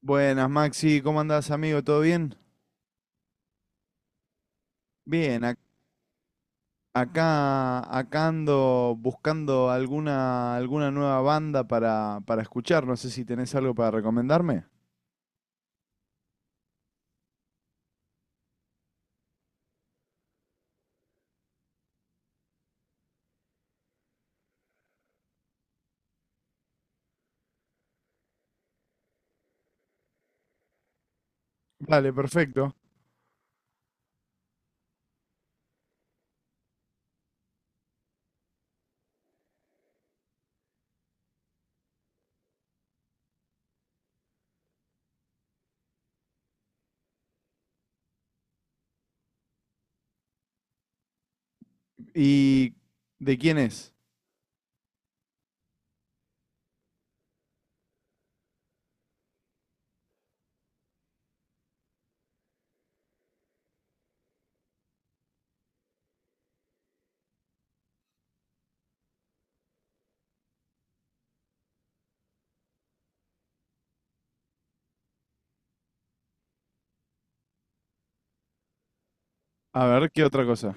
Buenas, Maxi, ¿cómo andás, amigo? ¿Todo bien? Bien, ac- acá ando buscando alguna nueva banda para escuchar. No sé si tenés algo para recomendarme. Vale, perfecto. ¿Y de quién es? A ver, ¿qué otra cosa?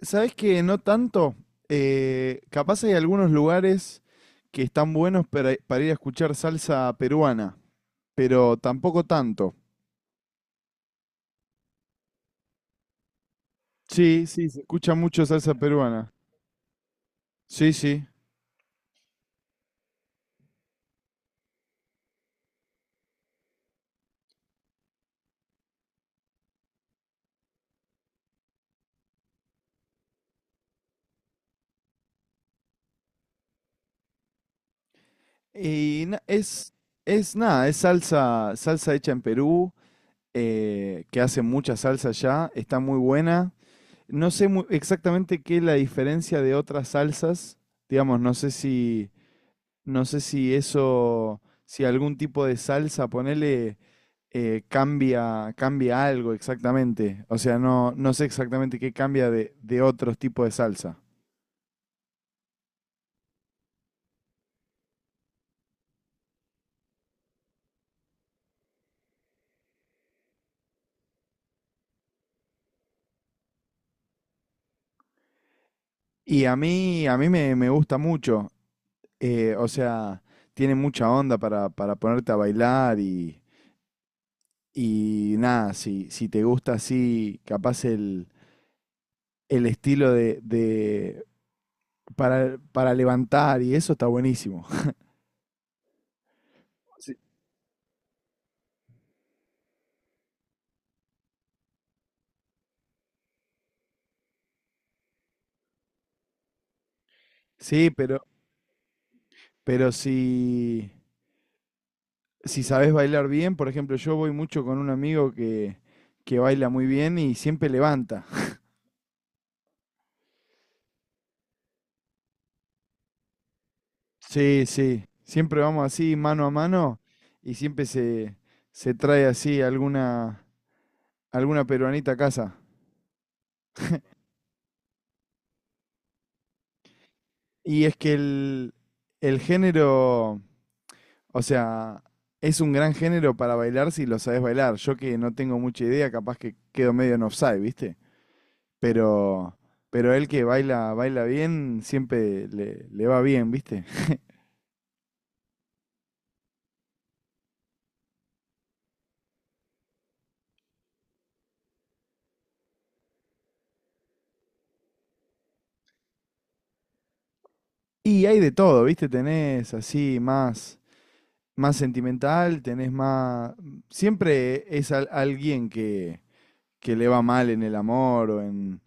¿Sabés que no tanto? Capaz hay algunos lugares que están buenos para ir a escuchar salsa peruana, pero tampoco tanto. Sí, sí, se escucha mucho salsa peruana. Sí, sí. Y na- es, es nada, es salsa, salsa hecha en Perú, que hace mucha salsa allá, está muy buena. No sé mu- Exactamente qué es la diferencia de otras salsas, digamos, no sé si eso, si algún tipo de salsa, ponele, cambia algo exactamente. O sea, no sé exactamente qué cambia de otros tipos de salsa. Y me gusta mucho. O sea, tiene mucha onda para ponerte a bailar y nada, si te gusta así, el estilo para levantar y eso está buenísimo. Sí. Sí, pero, pero si, si sabes bailar bien, por ejemplo, yo voy mucho con un amigo que baila muy bien y siempre levanta. Sí, sí, siempre vamos así mano a mano y se trae así alguna peruanita a casa. Y es que el género, o sea, es un gran género para bailar si lo sabes bailar. Yo que no tengo mucha idea, capaz que quedo medio en offside, ¿viste? Pero, pero él que baila, baila bien, le va bien, ¿viste? Y hay de todo, ¿viste? Tenés así más, más sentimental, tenés más. Siempre es alguien que le va mal en el amor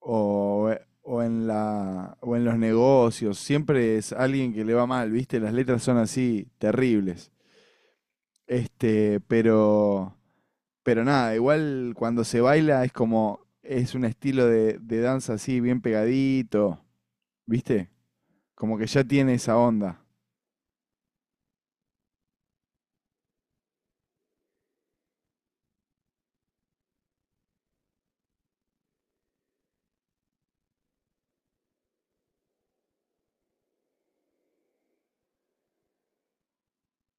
o, o en los negocios, siempre es alguien que le va mal, ¿viste? Las letras son así terribles. Este, pero nada, igual cuando se baila es como, es un estilo de danza así, bien pegadito, ¿viste? Como que ya tiene esa onda.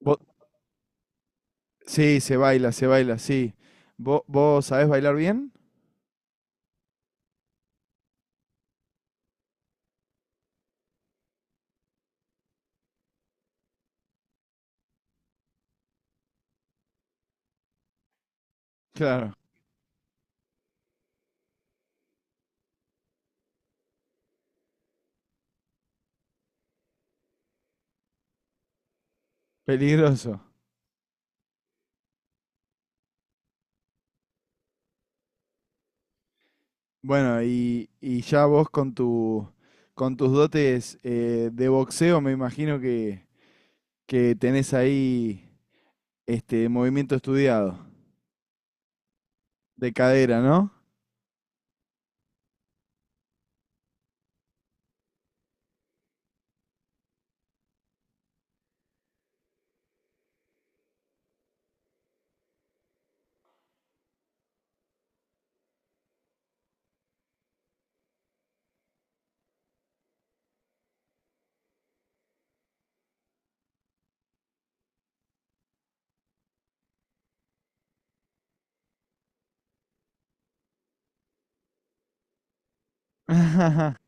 Vo- sí, se baila, sí. Vos sabés bailar bien? Claro, peligroso. Bueno, y ya vos con tus dotes de boxeo, me imagino que tenés ahí este movimiento estudiado de cadera, ¿no?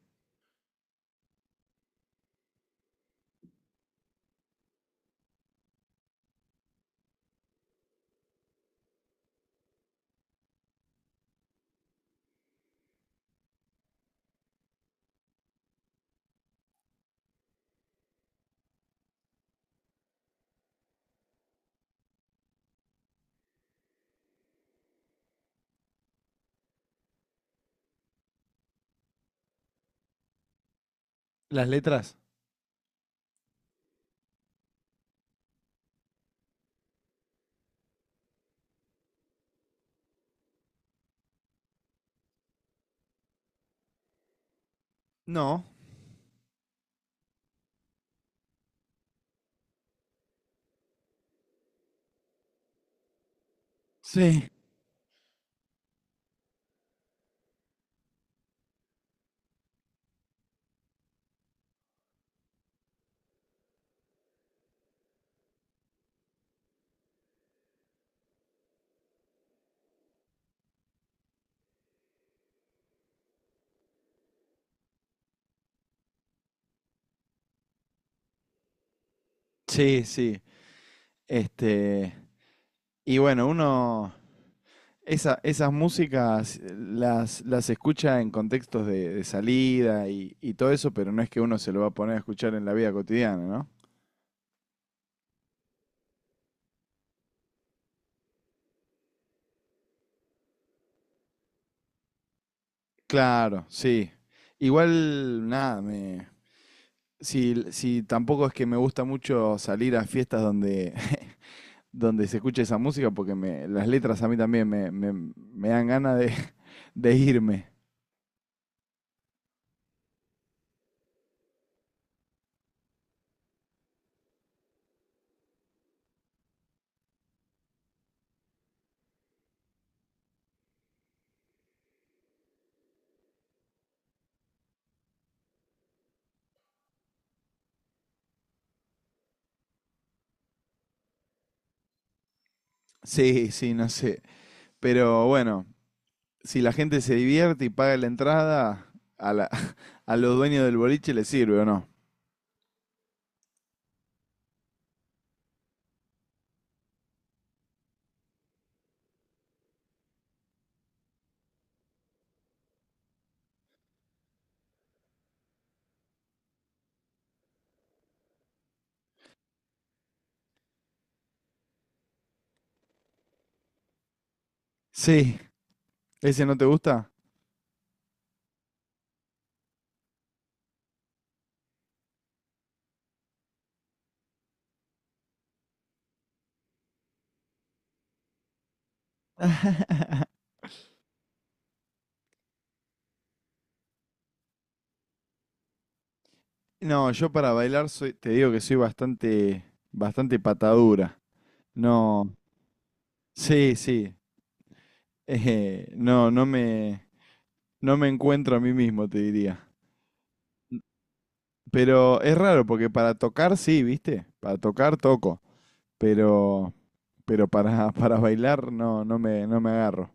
¿Las letras? No. Sí, sí, sí. Este, y bueno, uno esas músicas las escucha en contextos de salida y todo eso, pero no es que uno se lo va a poner a escuchar en la vida cotidiana, ¿no? Claro, sí. Igual, nada, me, si tampoco es que me gusta mucho salir a fiestas donde, donde se escucha esa música, porque me, las letras a mí también me dan ganas de irme. Sí, sí, no sé. Pero bueno, si la gente se divierte y paga la entrada, a, la, a los dueños del boliche les sirve o no. Sí, ¿ese no te gusta? No, yo para bailar soy, te digo que soy bastante, bastante patadura. No, sí, sí. Eh, no, no me, no me encuentro a mí mismo, te diría. Pero es raro, porque para tocar sí, ¿viste? Para tocar toco, pero, para bailar no, no me agarro.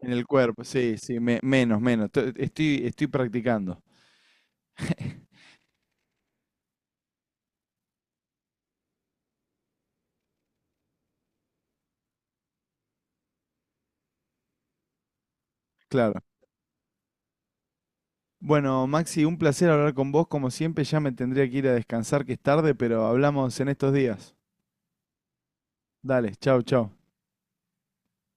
En el cuerpo, sí, sí, menos, menos. Estoy, estoy practicando, claro. Bueno, Maxi, un placer hablar con vos. Como siempre, ya me tendría que ir a descansar, que es tarde, pero hablamos en estos días. Dale, chau, chau.